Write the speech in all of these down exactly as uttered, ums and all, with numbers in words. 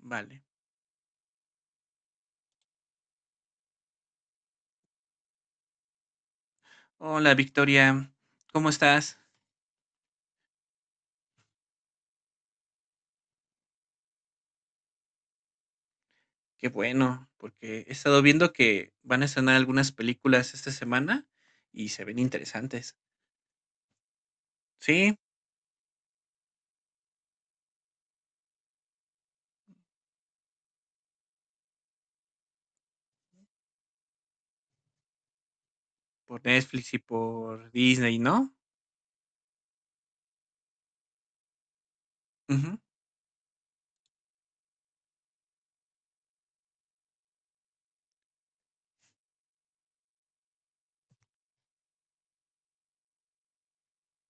Vale. Hola, Victoria, ¿cómo estás? Qué bueno, porque he estado viendo que van a estrenar algunas películas esta semana y se ven interesantes. Sí, por Netflix y por Disney, ¿no? Ujú.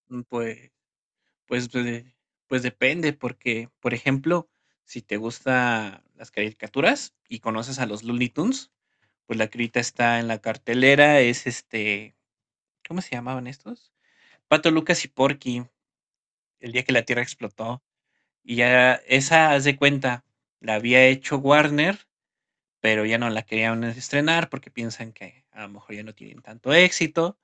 Mm, Pues, pues, pues, de- pues depende, porque, por ejemplo, si te gustan las caricaturas y conoces a los Looney Tunes, pues la que ahorita está en la cartelera es este, ¿cómo se llamaban estos? Pato Lucas y Porky, el día que la Tierra explotó. Y ya esa, haz de cuenta, la había hecho Warner, pero ya no la querían estrenar porque piensan que a lo mejor ya no tienen tanto éxito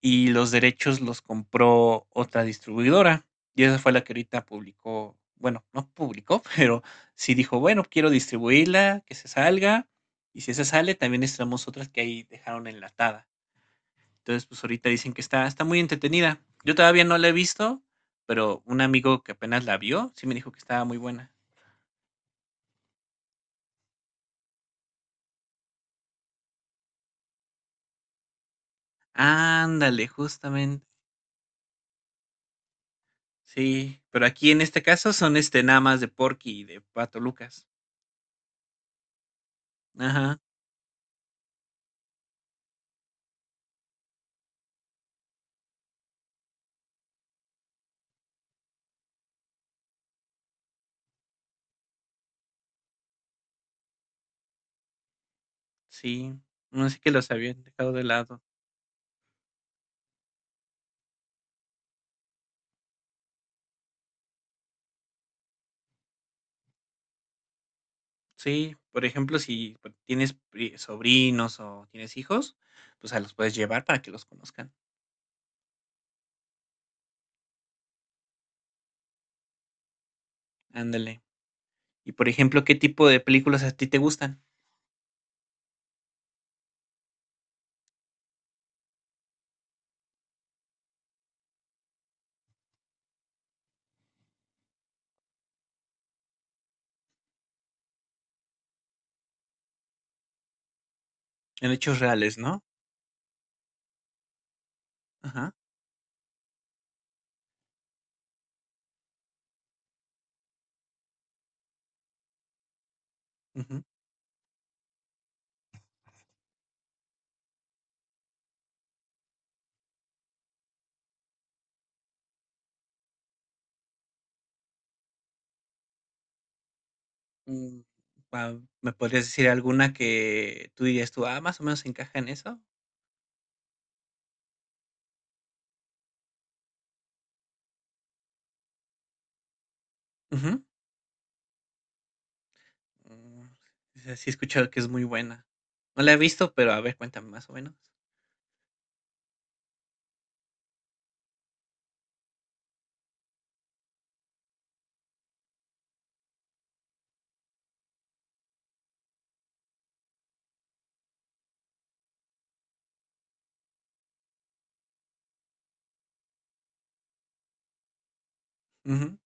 y los derechos los compró otra distribuidora. Y esa fue la que ahorita publicó, bueno, no publicó, pero sí dijo, bueno, quiero distribuirla, que se salga. Y si esa sale, también estrenamos otras que ahí dejaron enlatada. Entonces, pues ahorita dicen que está, está muy entretenida. Yo todavía no la he visto, pero un amigo que apenas la vio, sí me dijo que estaba muy buena. Ándale, justamente. Sí, pero aquí en este caso son, este, nada más de Porky y de Pato Lucas. Ajá, sí. No sé que los habían dejado de lado. Sí, por ejemplo, si p- tienes pri- sobrinos o tienes hijos, pues a los puedes llevar para que los conozcan. Ándale. Y por ejemplo, ¿qué tipo de películas a ti te gustan? En hechos reales, ¿no? Ajá. Ujú. Mm, ah, ¿Me podrías decir alguna que tú dirías tú, ah, más o menos encaja en eso? Ujú. Mm, esa sí sí he escuchado que es muy buena. No la he visto, pero a ver, cuéntame más o menos. Ujú.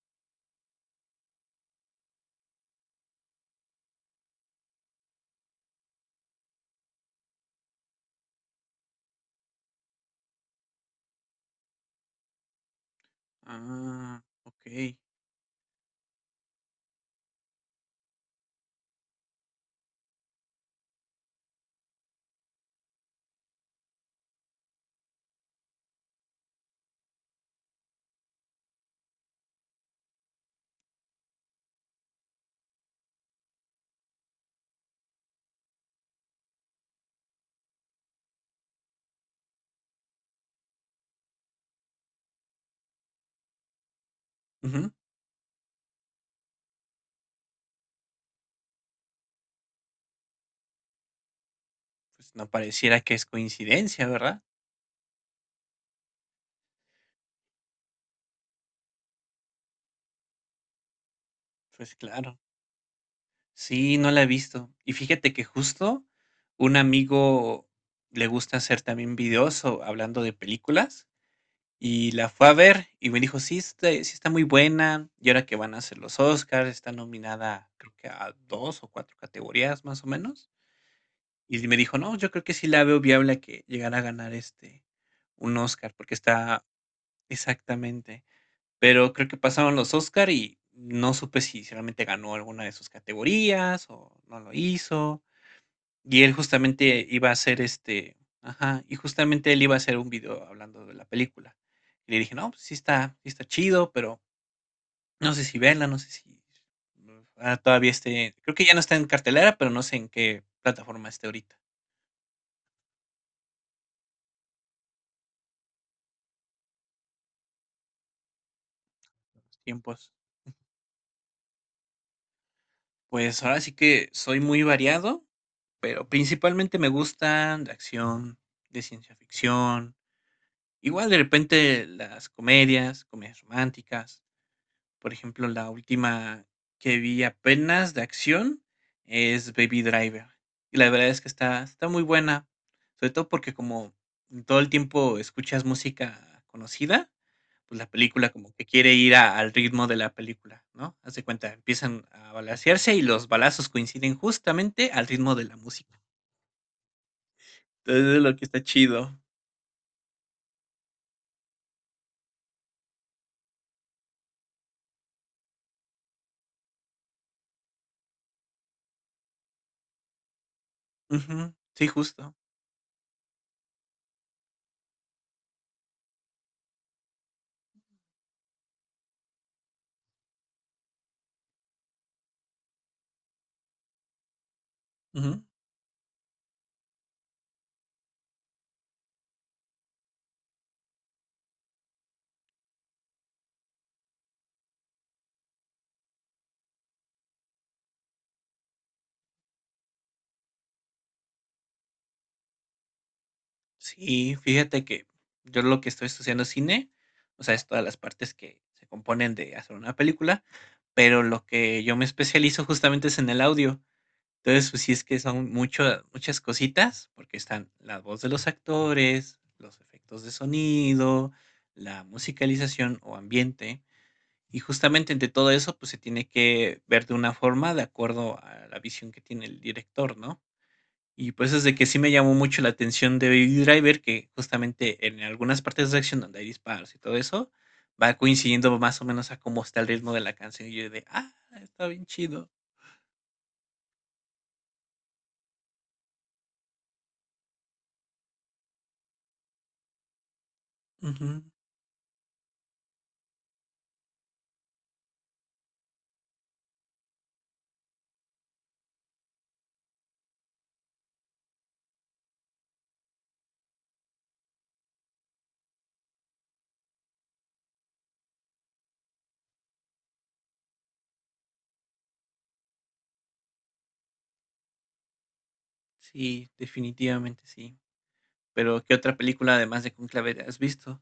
Ah, okey. Ujú. Pues no pareciera que es coincidencia, ¿verdad? Pues claro. Sí, no la he visto. Y fíjate que justo un amigo le gusta hacer también videos o hablando de películas, y la fue a ver y me dijo: "Sí, está sí está muy buena, y ahora que van a hacer los Óscars, está nominada, creo que a dos o cuatro categorías, más o menos". Y me dijo: "No, yo creo que sí la veo viable a que llegara a ganar, este, un Oscar porque está" exactamente. Pero creo que pasaron los Oscar y no supe si realmente ganó alguna de sus categorías o no lo hizo. Y él justamente iba a hacer, este ajá, y justamente él iba a hacer un video hablando de la película. Y le dije: "No, pues sí está sí está chido, pero no sé si verla, no sé si, mm, ah, todavía esté" creo que ya no está en cartelera, pero no sé en qué plataforma esté ahorita, los tiempos. Pues ahora sí que soy muy variado, pero principalmente me gustan de acción, de ciencia ficción, igual de repente las comedias, comedias románticas. Por ejemplo, la última que vi apenas de acción es Baby Driver. Y la verdad es que está, está muy buena, sobre todo porque como todo el tiempo escuchas música conocida, pues, la película como que quiere ir a al ritmo de la película, ¿no? Haz de cuenta, empiezan a balacearse y los balazos coinciden justamente al ritmo de la música. Entonces, es lo que está chido. Ujú, sí, justo. Ujú. Sí, fíjate que yo lo que estoy estudiando es cine, o sea, es todas las partes que se componen de hacer una película, pero lo que yo me especializo justamente es en el audio. Entonces, pues sí es que son mucho muchas cositas, porque están la voz de los actores, los efectos de sonido, la musicalización o ambiente, y justamente entre todo eso, pues se tiene que ver de una forma de acuerdo a la visión que tiene el director, ¿no? Y pues es de que sí me llamó mucho la atención de Baby Driver, que justamente en algunas partes de acción donde hay disparos y todo eso, va coincidiendo más o menos a cómo está el ritmo de la canción. Y yo de, ah, está bien chido. Ujú. Sí, definitivamente sí. Pero, ¿qué otra película, además de Conclave has visto?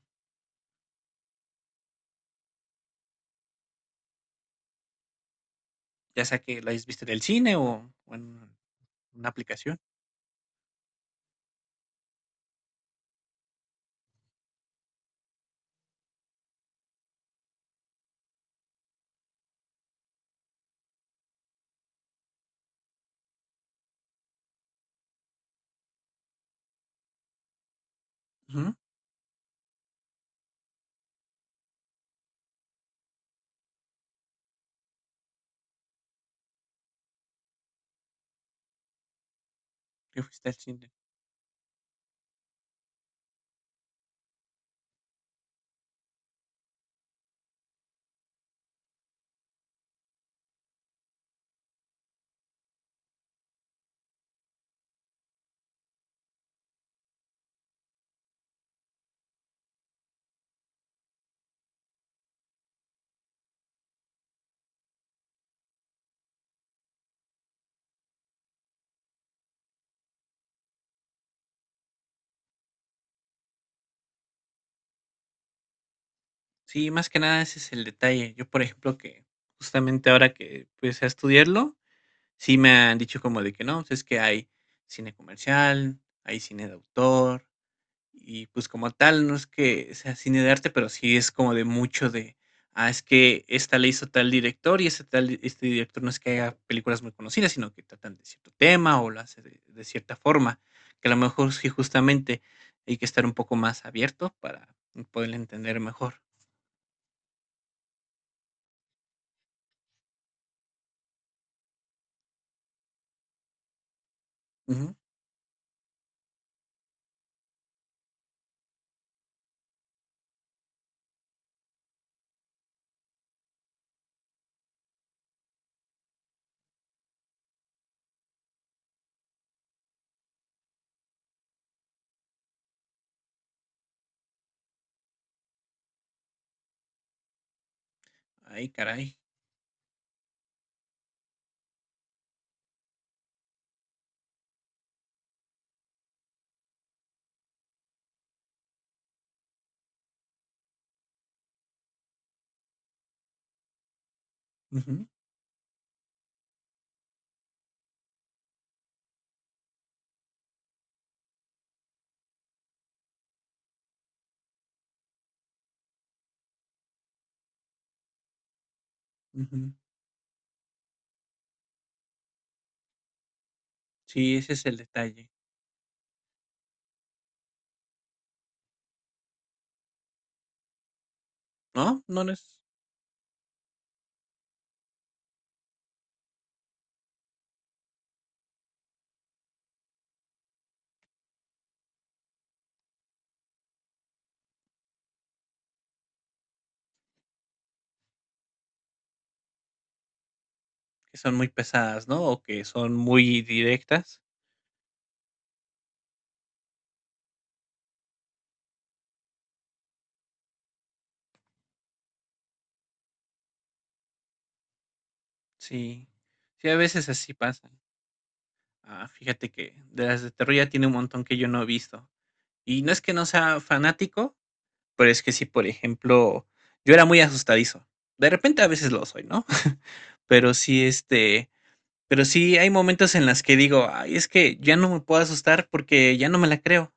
Ya sea que la hayas visto en el cine o, o en una aplicación. Ujú, que fuiste al cine. Sí, más que nada ese es el detalle. Yo, por ejemplo, que justamente ahora que empecé a estudiarlo, sí me han dicho como de que no, pues es que hay cine comercial, hay cine de autor. Y, pues, como tal, no es que sea cine de arte, pero sí es como de mucho de, ah, es que esta le hizo tal director y ese tal este director no es que haga películas muy conocidas, sino que tratan de cierto tema o lo hace de de cierta forma, que a lo mejor sí, justamente hay que estar un poco más abierto para poderle entender mejor. Ujú. Ay, caray. Ujú, ujú. Sí, ese es el detalle, ¿no? No, no es que son muy pesadas, ¿no? O que son muy directas. Sí, sí, a veces así pasa. Ah, fíjate que de las de terror ya tiene un montón que yo no he visto. Y no es que no sea fanático, pero es que sí, por ejemplo, yo era muy asustadizo. De repente a veces lo soy, ¿no? Pero sí, este, pero sí hay momentos en las que digo, ay, es que ya no me puedo asustar porque ya no me la creo.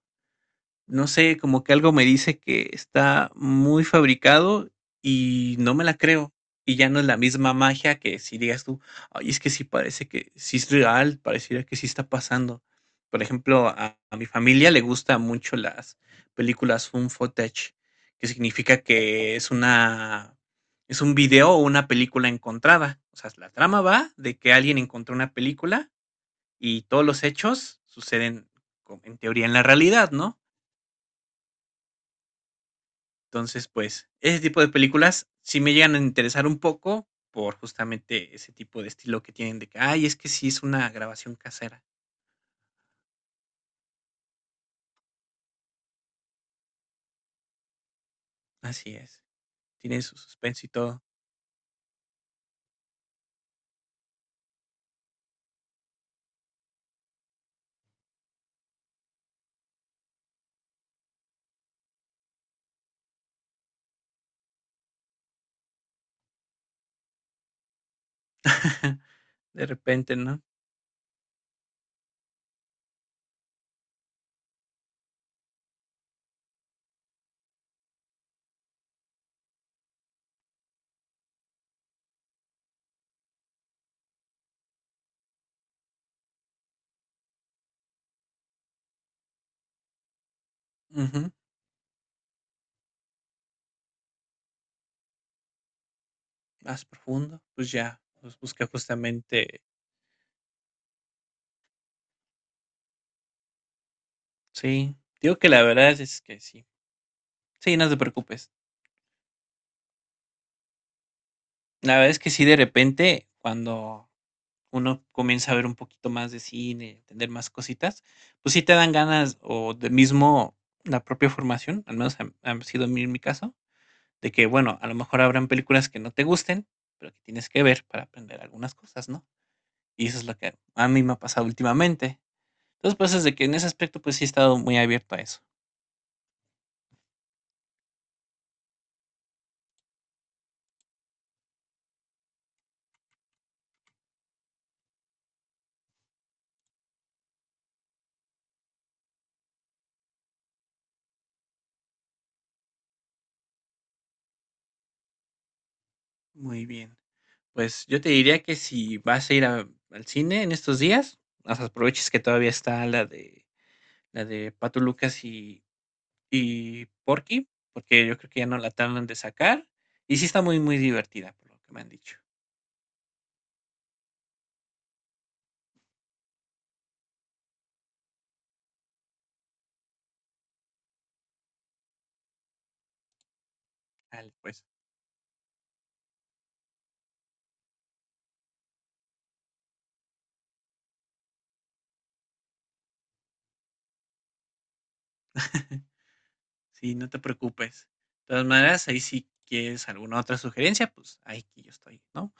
No sé, como que algo me dice que está muy fabricado y no me la creo. Y ya no es la misma magia que si digas tú, ay, es que sí parece que sí es real, pareciera que sí está pasando. Por ejemplo, a, a mi familia le gustan mucho las películas found footage, que significa que es una, es un video o una película encontrada. O sea, la trama va de que alguien encontró una película y todos los hechos suceden, como en teoría, en la realidad, ¿no? Entonces, pues, ese tipo de películas sí me llegan a interesar un poco por justamente ese tipo de estilo que tienen de que, ay, es que sí es una grabación casera. Así es. Tiene su suspenso y todo. De repente, ¿no? Ujú. Más profundo. Pues ya, pues busca justamente. Sí. Digo que la verdad es que sí. Sí, no te preocupes. La verdad es que sí, de repente, cuando uno comienza a ver un poquito más de cine, entender más cositas, pues sí te dan ganas o de mismo la propia formación, al menos ha, ha sido en mi en mi caso, de que, bueno, a lo mejor habrán películas que no te gusten, pero que tienes que ver para aprender algunas cosas, ¿no? Y eso es lo que a mí me ha pasado últimamente. Entonces, pues es de que en ese aspecto, pues sí he estado muy abierto a eso. Muy bien. Pues yo te diría que si vas a ir a- al cine en estos días, o sea, aproveches que todavía está la de la de Pato Lucas y Y Porky, porque yo creo que ya no la terminan de sacar, y sí está muy, muy divertida, por lo que me han dicho. Al pues. Sí, no te preocupes. De todas maneras, ahí si quieres alguna otra sugerencia, pues ahí que yo estoy, ¿no?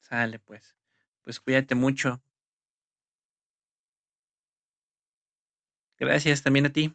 Sale pues. Pues cuídate mucho. Gracias también a ti.